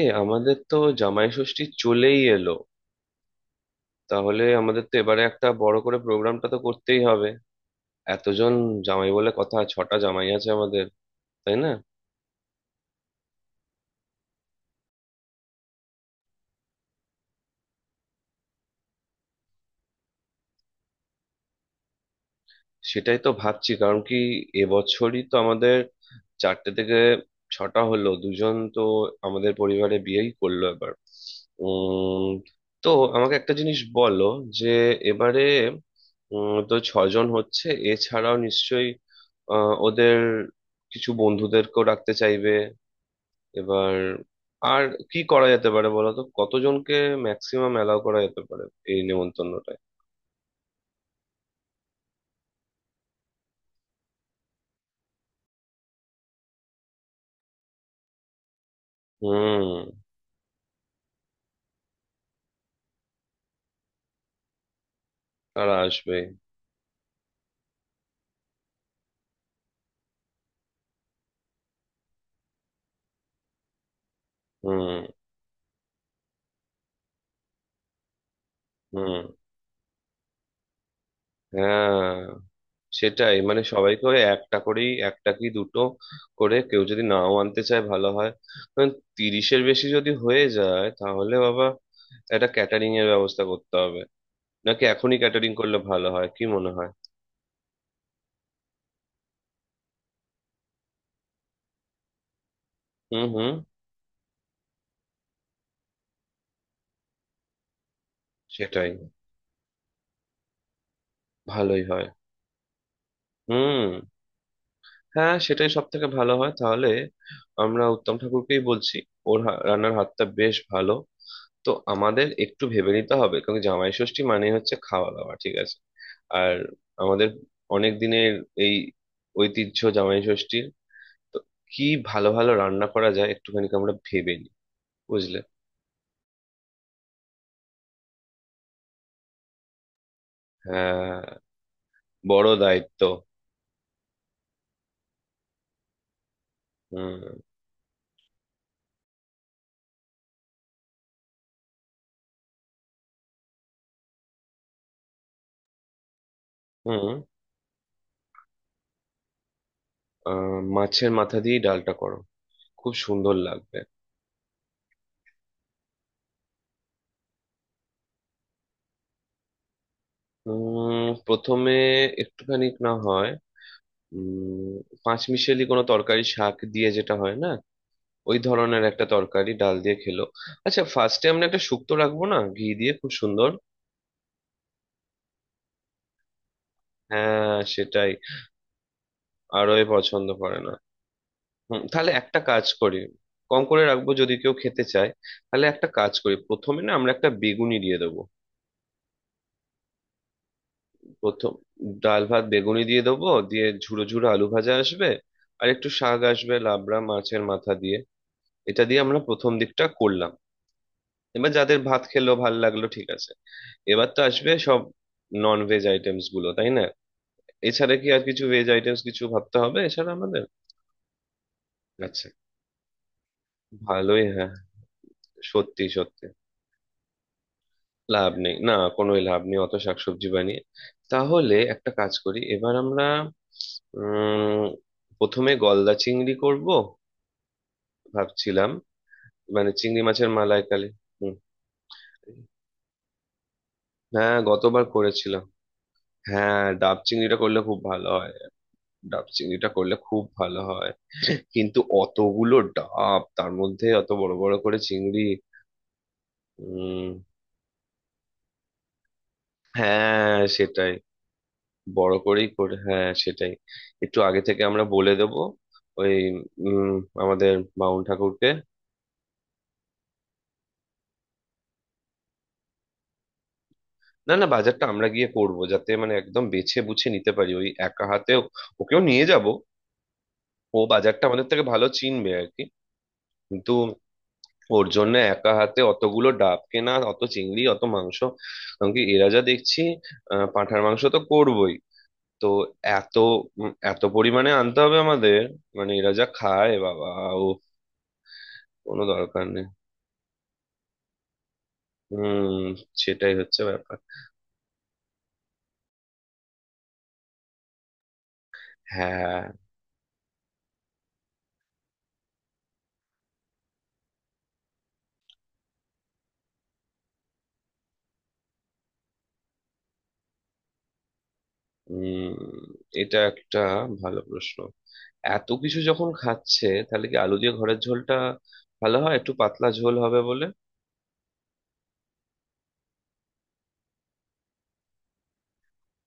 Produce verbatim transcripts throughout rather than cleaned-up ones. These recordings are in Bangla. এ আমাদের তো জামাই ষষ্ঠী চলেই এলো। তাহলে আমাদের তো এবারে একটা বড় করে প্রোগ্রামটা তো করতেই হবে। এতজন জামাই বলে কথা, ছটা জামাই আছে আমাদের, তাই না? সেটাই তো ভাবছি। কারণ কি, এবছরই তো আমাদের চারটে থেকে ছটা হলো, দুজন তো আমাদের পরিবারে বিয়েই করলো এবার। উম তো আমাকে একটা জিনিস বলো, যে এবারে উম তো ছজন হচ্ছে, এছাড়াও নিশ্চয়ই আহ ওদের কিছু বন্ধুদেরকেও রাখতে চাইবে এবার। আর কি করা যেতে পারে, বলো তো কতজনকে ম্যাক্সিমাম অ্যালাউ করা যেতে পারে এই নেমন্তন্নটায়। হুম। তারা আসবে। হুম। হুম। হ্যাঁ সেটাই, মানে সবাইকে ওই একটা করেই, একটা কি দুটো করে কেউ যদি নাও আনতে চায় ভালো হয়। কারণ তিরিশের বেশি যদি হয়ে যায় তাহলে বাবা একটা ক্যাটারিং এর ব্যবস্থা করতে হবে। নাকি এখনই ক্যাটারিং করলে ভালো হয়, কি মনে হয়? হুম। হুম। সেটাই। ভালোই হয়। হুম। হ্যাঁ সেটাই সব থেকে ভালো হয়, তাহলে আমরা উত্তম ঠাকুরকেই বলছি। ওর হা- রান্নার হাতটা বেশ ভালো। তো আমাদের একটু ভেবে নিতে হবে, কারণ জামাই ষষ্ঠী মানে হচ্ছে খাওয়া দাওয়া ঠিক আছে, আর আমাদের অনেক দিনের এই ঐতিহ্য জামাই ষষ্ঠীর। তো কি ভালো ভালো রান্না করা যায় একটুখানি আমরা ভেবে নিই, বুঝলে? হ্যাঁ বড় দায়িত্ব। হুম। হুম। আহ, মাছের মাথা দিয়ে ডালটা করো, খুব সুন্দর লাগবে। উম প্রথমে একটুখানি না হয় উম পাঁচমিশালি কোনো তরকারি, শাক দিয়ে যেটা হয় না, ওই ধরনের একটা তরকারি ডাল দিয়ে খেলো। আচ্ছা ফার্স্টে আমরা একটা শুক্তো রাখবো না, ঘি দিয়ে খুব সুন্দর। হ্যাঁ সেটাই। আরোই পছন্দ করে না। হুম, তাহলে একটা কাজ করি, কম করে রাখবো যদি কেউ খেতে চায়। তাহলে একটা কাজ করি, প্রথমে না আমরা একটা বেগুনি দিয়ে দেবো। প্রথম ডাল ভাত বেগুনি দিয়ে দেবো, দিয়ে ঝুরো ঝুরো আলু ভাজা আসবে, আর একটু শাক আসবে লাবড়া, মাছের মাথা দিয়ে। এটা দিয়ে আমরা প্রথম দিকটা করলাম। এবার যাদের ভাত খেলো ভাল লাগলো ঠিক আছে। এবার তো আসবে সব নন ভেজ আইটেমস গুলো, তাই না? এছাড়া কি আর কিছু ভেজ আইটেমস কিছু ভাবতে হবে এছাড়া আমাদের? আচ্ছা, ভালোই, হ্যাঁ, সত্যি সত্যি। লাভ নেই, না, কোনোই লাভ নেই অত শাকসবজি বানিয়ে। তাহলে একটা কাজ করি এবার আমরা, উম প্রথমে গলদা চিংড়ি করব, ভাবছিলাম, মানে চিংড়ি মাছের মালাইকারি। হুম। হ্যাঁ গতবার করেছিলাম। হ্যাঁ ডাব চিংড়িটা করলে খুব ভালো হয়, ডাব চিংড়িটা করলে খুব ভালো হয়। কিন্তু অতগুলো ডাব, তার মধ্যে অত বড় বড় করে চিংড়ি। হ্যাঁ সেটাই। বড় করেই করে, হ্যাঁ সেটাই। একটু আগে থেকে আমরা বলে দেব ওই উম আমাদের বাউন ঠাকুরকে। না না, বাজারটা আমরা গিয়ে করব, যাতে মানে একদম বেছে বুছে নিতে পারি। ওই একা হাতে ওকেও নিয়ে যাব, ও বাজারটা আমাদের থেকে ভালো চিনবে আর কি। কিন্তু ওর জন্য একা হাতে অতগুলো ডাব কেনা, অত চিংড়ি, অত মাংস, কারণ কি এরা যা দেখছি, আহ পাঁঠার মাংস তো করবই। তো এত উম, এত পরিমাণে আনতে হবে আমাদের। মানে এরা যা খায় বাবা, কোনো দরকার নেই। হুম, সেটাই হচ্ছে ব্যাপার। হ্যাঁ। হুম। এটা একটা ভালো প্রশ্ন। এত কিছু যখন খাচ্ছে, তাহলে কি আলু দিয়ে ঘরের ঝোলটা ভালো হয়, একটু পাতলা ঝোল হবে বলে।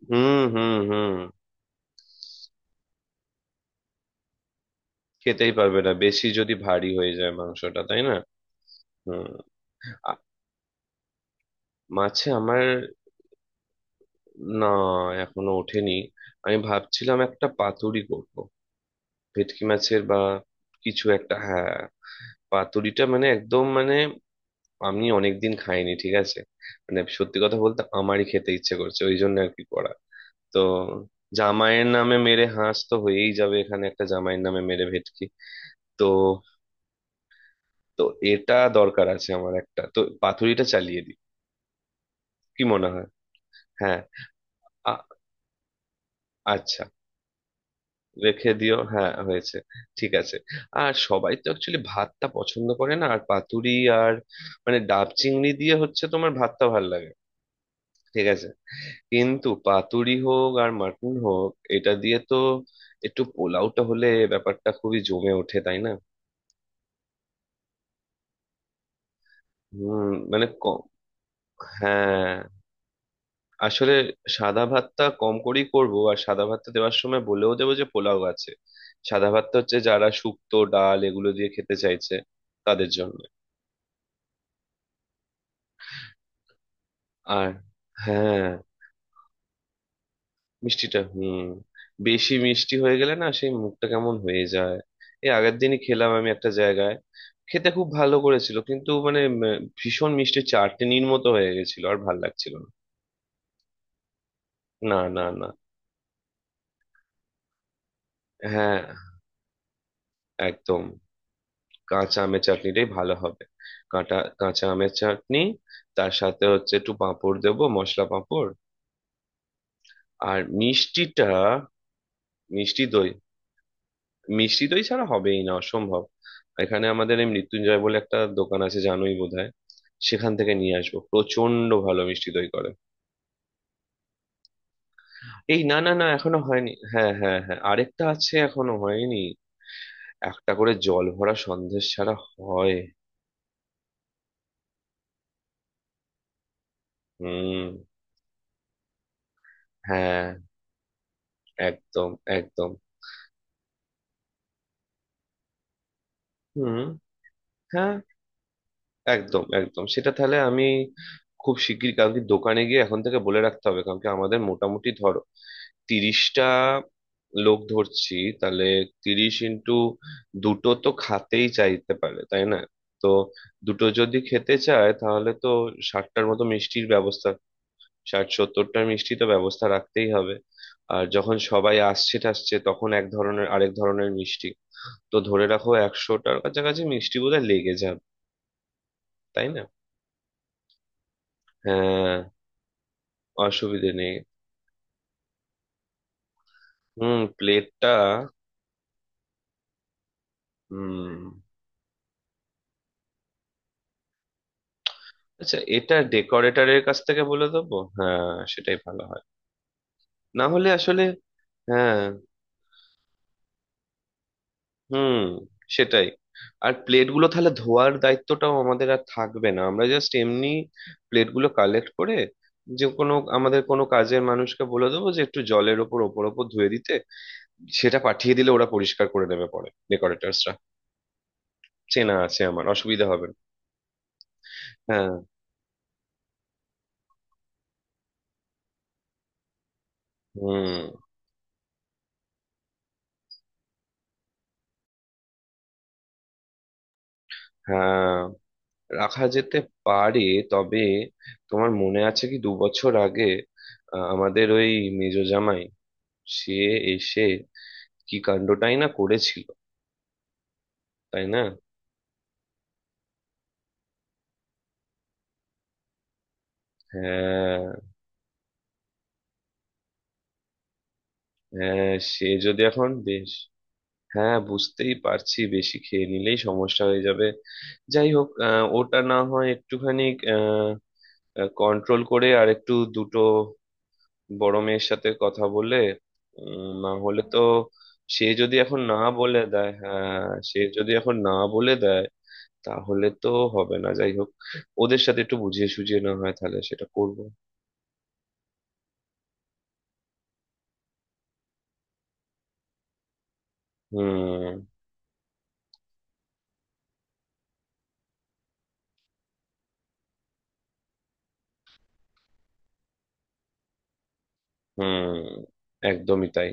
হুম, হুম, হুম। খেতেই পারবে না, বেশি যদি ভারী হয়ে যায় মাংসটা, তাই না? হুম। আ- মাছে আমার। না, এখনো ওঠেনি। আমি ভাবছিলাম একটা পাতুরি করব, ভেটকি মাছের বা কিছু একটা। হ্যাঁ পাতুরিটা মানে একদম, মানে আমি অনেকদিন খাইনি, ঠিক আছে, মানে সত্যি কথা বলতে আমারই খেতে ইচ্ছে করছে, ওই জন্য আর কি করা। তো জামাইয়ের নামে মেরে হাঁস তো হয়েই যাবে, এখানে একটা জামাইয়ের নামে মেরে ভেটকি। তো তো এটা দরকার আছে, আমার একটা তো পাতুরিটা চালিয়ে দিই। কি মনে হয়? হ্যাঁ। আ- আচ্ছা। রেখে দিও, হ্যাঁ হয়েছে, ঠিক আছে। আর সবাই তো অ্যাকচুয়ালি ভাতটা পছন্দ করে না আর পাতুরি। আর মানে ডাব চিংড়ি দিয়ে হচ্ছে, তোমার ভাতটা ভালো লাগে না। ঠিক আছে। কিন্তু পাতুরি হোক আর মাটন হোক, এটা দিয়ে তো একটু পোলাওটা হলে ব্যাপারটা খুবই জমে ওঠে, তাই না? হুম, মানে কম, হ্যাঁ, আসলে সাদা ভাতটা কম করেই করব, আর সাদা ভাতটা দেওয়ার সময় বলেও দেবো যে পোলাও আছে। সাদা ভাতটা হচ্ছে যারা শুক্তো ডাল এগুলো দিয়ে খেতে চাইছে, তাদের জন্য। আর হ্যাঁ। মিষ্টিটা, হুম, বেশি মিষ্টি হয়ে গেলে না সেই মুখটা কেমন হয়ে যায়। এই আগের দিনই খেলাম আমি একটা জায়গায়, খেতে খুব ভালো করেছিল, কিন্তু মানে উম, ভীষণ মিষ্টি চাটনির মতো হয়ে গেছিল, আর ভাল লাগছিল। না না না না। হ্যাঁ একদম, কাঁচা আমের চাটনিটাই ভালো হবে। কাঁটা কাঁচা আমের চাটনি, তার সাথে হচ্ছে একটু পাঁপড় দেবো, মশলা পাঁপড়। আর মিষ্টিটা, মিষ্টি দই। মিষ্টি দই ছাড়া হবেই না, অসম্ভব। এখানে আমাদের এই মৃত্যুঞ্জয় বলে একটা দোকান আছে, জানোই বোধহয়, সেখান থেকে নিয়ে আসবো প্রচন্ড ভালো মিষ্টি দই করে। এই না না না, এখনো হয়নি, হ্যাঁ হ্যাঁ হ্যাঁ, আরেকটা আছে এখনো হয়নি, একটা করে জল ভরা সন্দেশ ছাড়া হয়? হুম। হ্যাঁ একদম একদম। হুম। হ্যাঁ একদম একদম। সেটা তাহলে আমি খুব শিগগির কালকে দোকানে গিয়ে এখন থেকে বলে রাখতে হবে। কারণ কি আমাদের মোটামুটি ধরো তিরিশটা লোক ধরছি, তাহলে তিরিশ ইন্টু দুটো তো খাতেই চাইতে পারে, তাই না? তো দুটো যদি খেতে চায় তাহলে তো ষাটটার মতো মিষ্টির ব্যবস্থা, ষাট সত্তরটা মিষ্টি তো ব্যবস্থা রাখতেই হবে। আর যখন সবাই আসছে টাসছে, তখন এক ধরনের আরেক ধরনের মিষ্টি, তো ধরে রাখো একশোটার কাছাকাছি মিষ্টি বোধহয় লেগে যাবে, তাই না? হ্যাঁ অসুবিধে নেই। হুম প্লেটটা, হুম। আচ্ছা এটা ডেকোরেটরের কাছ থেকে বলে দেবো, হ্যাঁ সেটাই ভালো হয়। না হলে আসলে হ্যাঁ, হুম সেটাই। আর প্লেটগুলো তাহলে ধোয়ার দায়িত্বটাও আমাদের আর থাকবে না, আমরা জাস্ট এমনি প্লেটগুলো কালেক্ট করে, যে কোনো আমাদের কোনো কাজের মানুষকে বলে দেবো যে একটু জলের ওপর ওপর ওপর ধুয়ে দিতে, সেটা পাঠিয়ে দিলে ওরা পরিষ্কার করে নেবে পরে ডেকোরেটরসরা। চেনা আছে আমার, অসুবিধা হবে না। হ্যাঁ। হুম। হ্যাঁ রাখা যেতে পারে, তবে তোমার মনে আছে কি দু বছর আগে, আহ, আমাদের ওই মেজ জামাই সে এসে কি কাণ্ডটাই না করেছিল, তাই না? হ্যাঁ। হ্যাঁ সে যদি এখন বেশ, হ্যাঁ বুঝতেই পারছি, বেশি খেয়ে নিলেই সমস্যা হয়ে যাবে। যাই হোক আহ, ওটা না হয় একটুখানি কন্ট্রোল করে, আর একটু দুটো বড় মেয়ের সাথে কথা বলে, উম, না হলে তো। সে যদি এখন না বলে দেয়, হ্যাঁ সে যদি এখন না বলে দেয় তাহলে তো হবে না। যাই হোক, ওদের সাথে একটু বুঝিয়ে সুঝিয়ে না হয় তাহলে সেটা করবো। হুম। হুম। একদমই তাই।